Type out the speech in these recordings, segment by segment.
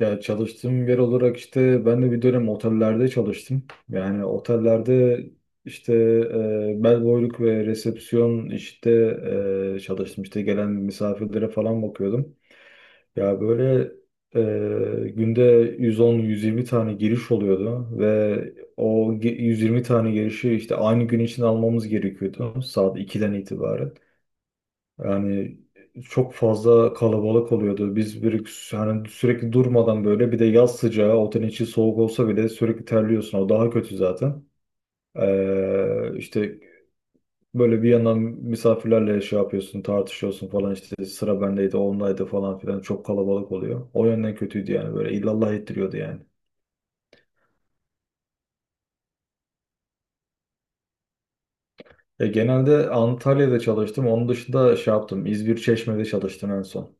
Ya çalıştığım yer olarak işte ben de bir dönem otellerde çalıştım. Yani otellerde işte bel boyluk ve resepsiyon işte çalıştım. İşte gelen misafirlere falan bakıyordum. Ya böyle günde 110 120 tane giriş oluyordu ve 120 tane girişi işte aynı gün için almamız gerekiyordu saat 2'den itibaren. Yani çok fazla kalabalık oluyordu. Biz bir hani sürekli durmadan böyle bir de yaz sıcağı otelin içi soğuk olsa bile sürekli terliyorsun. O daha kötü zaten. İşte böyle bir yandan misafirlerle şey yapıyorsun, tartışıyorsun falan işte sıra bendeydi, ondaydı falan filan çok kalabalık oluyor. O yönden kötüydü yani böyle illallah ettiriyordu yani. Genelde Antalya'da çalıştım. Onun dışında şey yaptım. İzmir Çeşme'de çalıştım en son.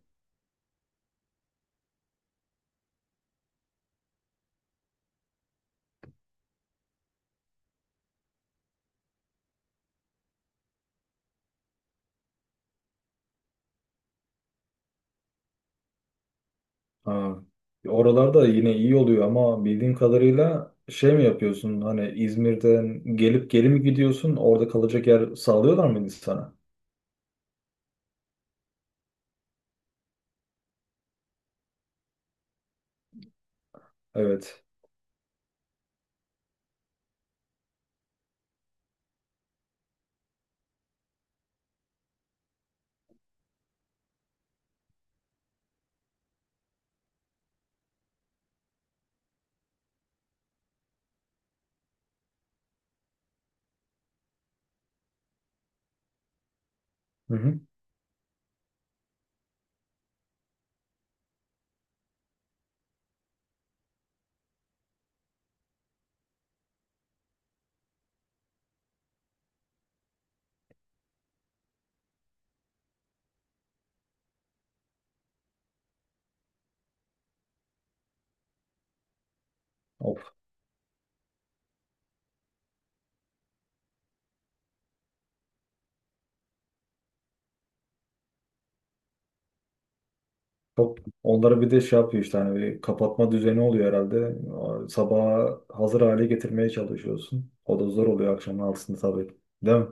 Ha. Oralarda yine iyi oluyor ama bildiğim kadarıyla şey mi yapıyorsun? Hani İzmir'den gelip geri mi gidiyorsun? Orada kalacak yer sağlıyorlar mıydı sana? Evet. Hı hı. Of, çok. Onlara bir de şey yapıyor işte hani bir kapatma düzeni oluyor herhalde. Sabaha hazır hale getirmeye çalışıyorsun. O da zor oluyor akşamın 6'sında tabii. Değil mi?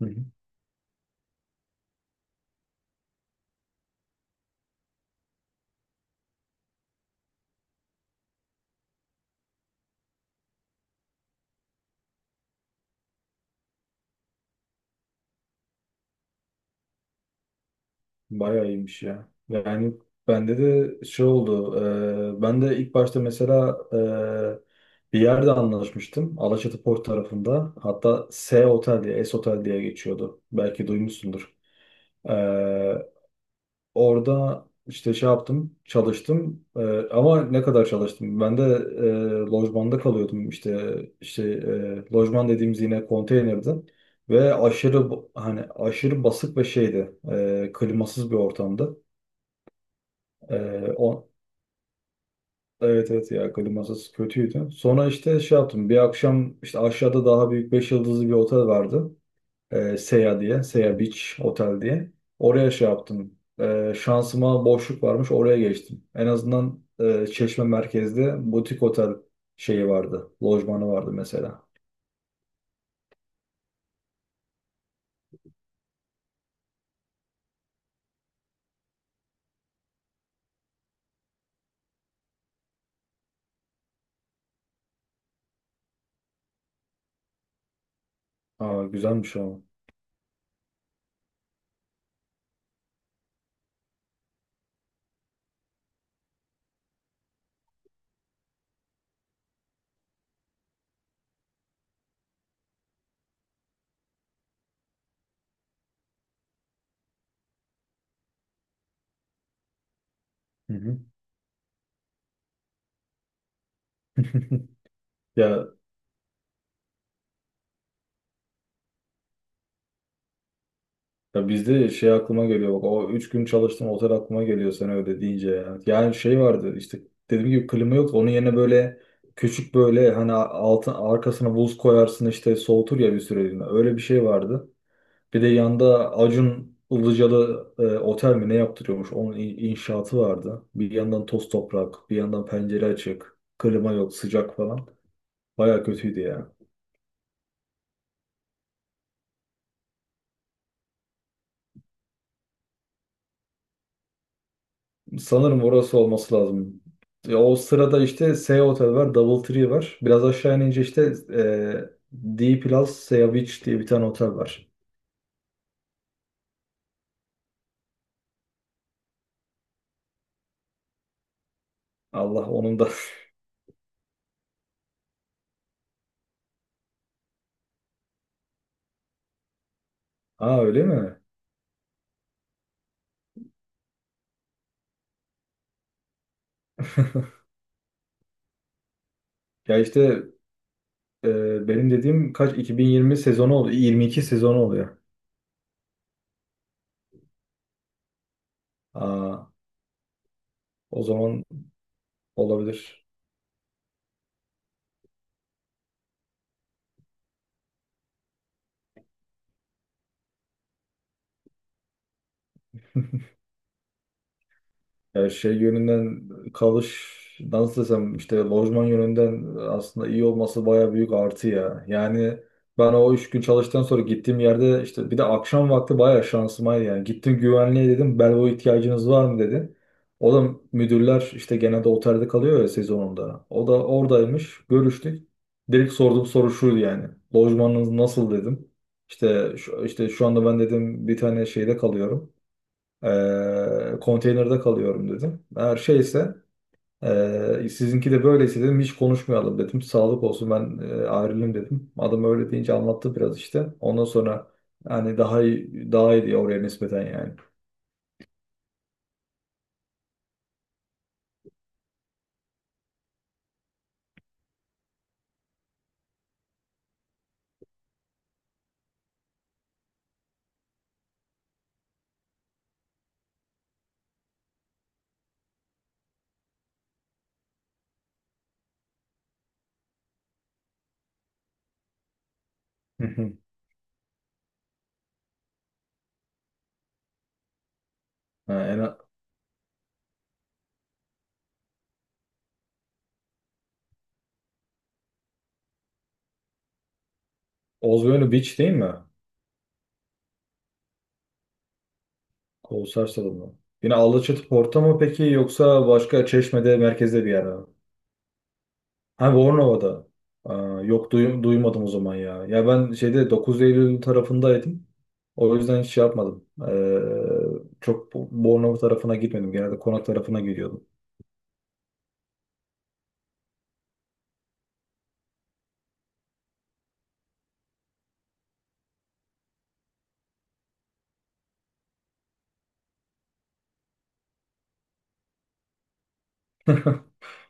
Hı hı. Bayağı iyiymiş ya. Yani bende de şey oldu. Ben de ilk başta mesela bir yerde anlaşmıştım. Alaçatı Port tarafında. Hatta S Otel diye, S Otel diye geçiyordu. Belki duymuşsundur. E, Orada işte şey yaptım, çalıştım. Ama ne kadar çalıştım? Ben de lojmanda kalıyordum. İşte lojman dediğimiz yine konteynerdi. Ve aşırı hani aşırı basık ve şeydi. Klimasız bir ortamdı. Ee, o, evet, evet, ya klimasız kötüydü. Sonra işte şey yaptım. Bir akşam işte aşağıda daha büyük 5 yıldızlı bir otel vardı. Seya diye. Seya Beach Otel diye. Oraya şey yaptım. Şansıma boşluk varmış. Oraya geçtim. En azından Çeşme merkezde butik otel şeyi vardı. Lojmanı vardı mesela. Aa, güzelmiş ama. Hı hı. Ya Ya bizde şey aklıma geliyor, bak o 3 gün çalıştım otel aklıma geliyor sen öyle deyince ya. Yani şey vardı işte dediğim gibi klima yoktu, onun yerine böyle küçük böyle hani altın arkasına buz koyarsın işte soğutur ya bir süreliğine, öyle bir şey vardı. Bir de yanda Acun Ilıcalı otel mi ne yaptırıyormuş, onun inşaatı vardı. Bir yandan toz toprak bir yandan pencere açık klima yok sıcak falan baya kötüydü ya. Sanırım orası olması lazım. Ya o sırada işte S Hotel var, Double Tree var. Biraz aşağı inince işte D Plus Sea Beach diye bir tane otel var. Allah onun da. Ha, öyle mi? Ya işte benim dediğim kaç, 2020 sezonu oluyor. 22 sezonu oluyor. Aa, o zaman olabilir. Yani şey yönünden kalış nasıl desem işte lojman yönünden aslında iyi olması baya büyük artı ya. Yani ben o 3 gün çalıştıktan sonra gittiğim yerde işte bir de akşam vakti baya şansımaydı yani. Gittim güvenliğe dedim belbo ihtiyacınız var mı dedi. O da müdürler işte genelde otelde kalıyor ya sezonunda. O da oradaymış, görüştük. Direkt sorduğum soru şuydu yani. Lojmanınız nasıl dedim. İşte şu, işte şu anda ben dedim bir tane şeyde kalıyorum. Konteynerde kalıyorum dedim. Her şeyse sizinki de böyleyse dedim hiç konuşmayalım dedim. Sağlık olsun ben ayrılayım dedim. Adam öyle deyince anlattı biraz işte. Ondan sonra yani daha iyi, daha iyi diye oraya nispeten yani. Hı hı. Ha, en Ozgönü Beach değil mi? Kolossal salonu. Yine Alaçatı Port'a mı peki yoksa başka Çeşme'de merkezde bir yer mi? Abi Bornova'da. Aa, yok duymadım o zaman ya. Ya ben şeyde 9 Eylül tarafındaydım. O yüzden hiç şey yapmadım. Çok Bornova tarafına gitmedim. Genelde Konak tarafına gidiyordum.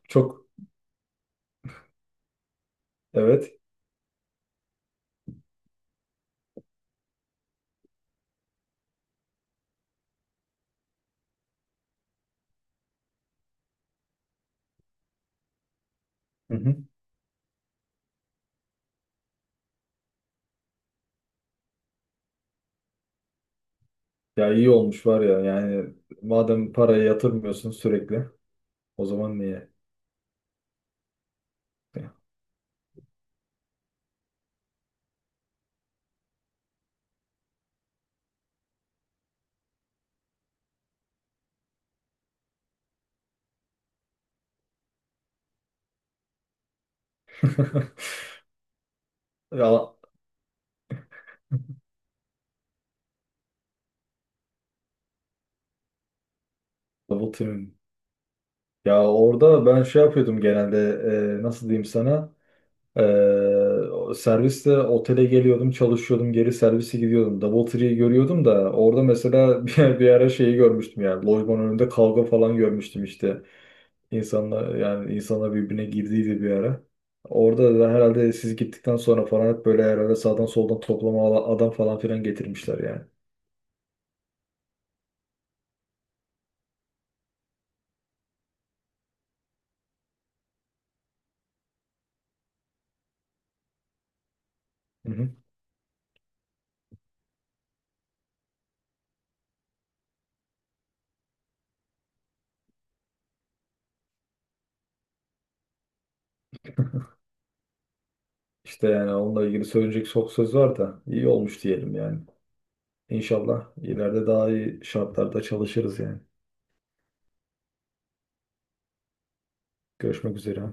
Çok evet. Hı hı. Ya iyi olmuş var ya. Yani madem parayı yatırmıyorsun sürekli o zaman niye? Ya double team'im. Ya orada ben şey yapıyordum genelde nasıl diyeyim sana? Ee, Serviste otele geliyordum, çalışıyordum, geri servise gidiyordum. DoubleTree'yi görüyordum da orada mesela bir ara şeyi görmüştüm yani. Lojmanın önünde kavga falan görmüştüm işte. İnsanlar yani insanlar birbirine girdiydi bir ara. Orada da herhalde siz gittikten sonra falan hep böyle herhalde sağdan soldan toplama adam falan filan getirmişler yani. Hı. İşte yani onunla ilgili söyleyecek çok söz var da iyi olmuş diyelim yani. İnşallah ileride daha iyi şartlarda çalışırız yani. Görüşmek üzere.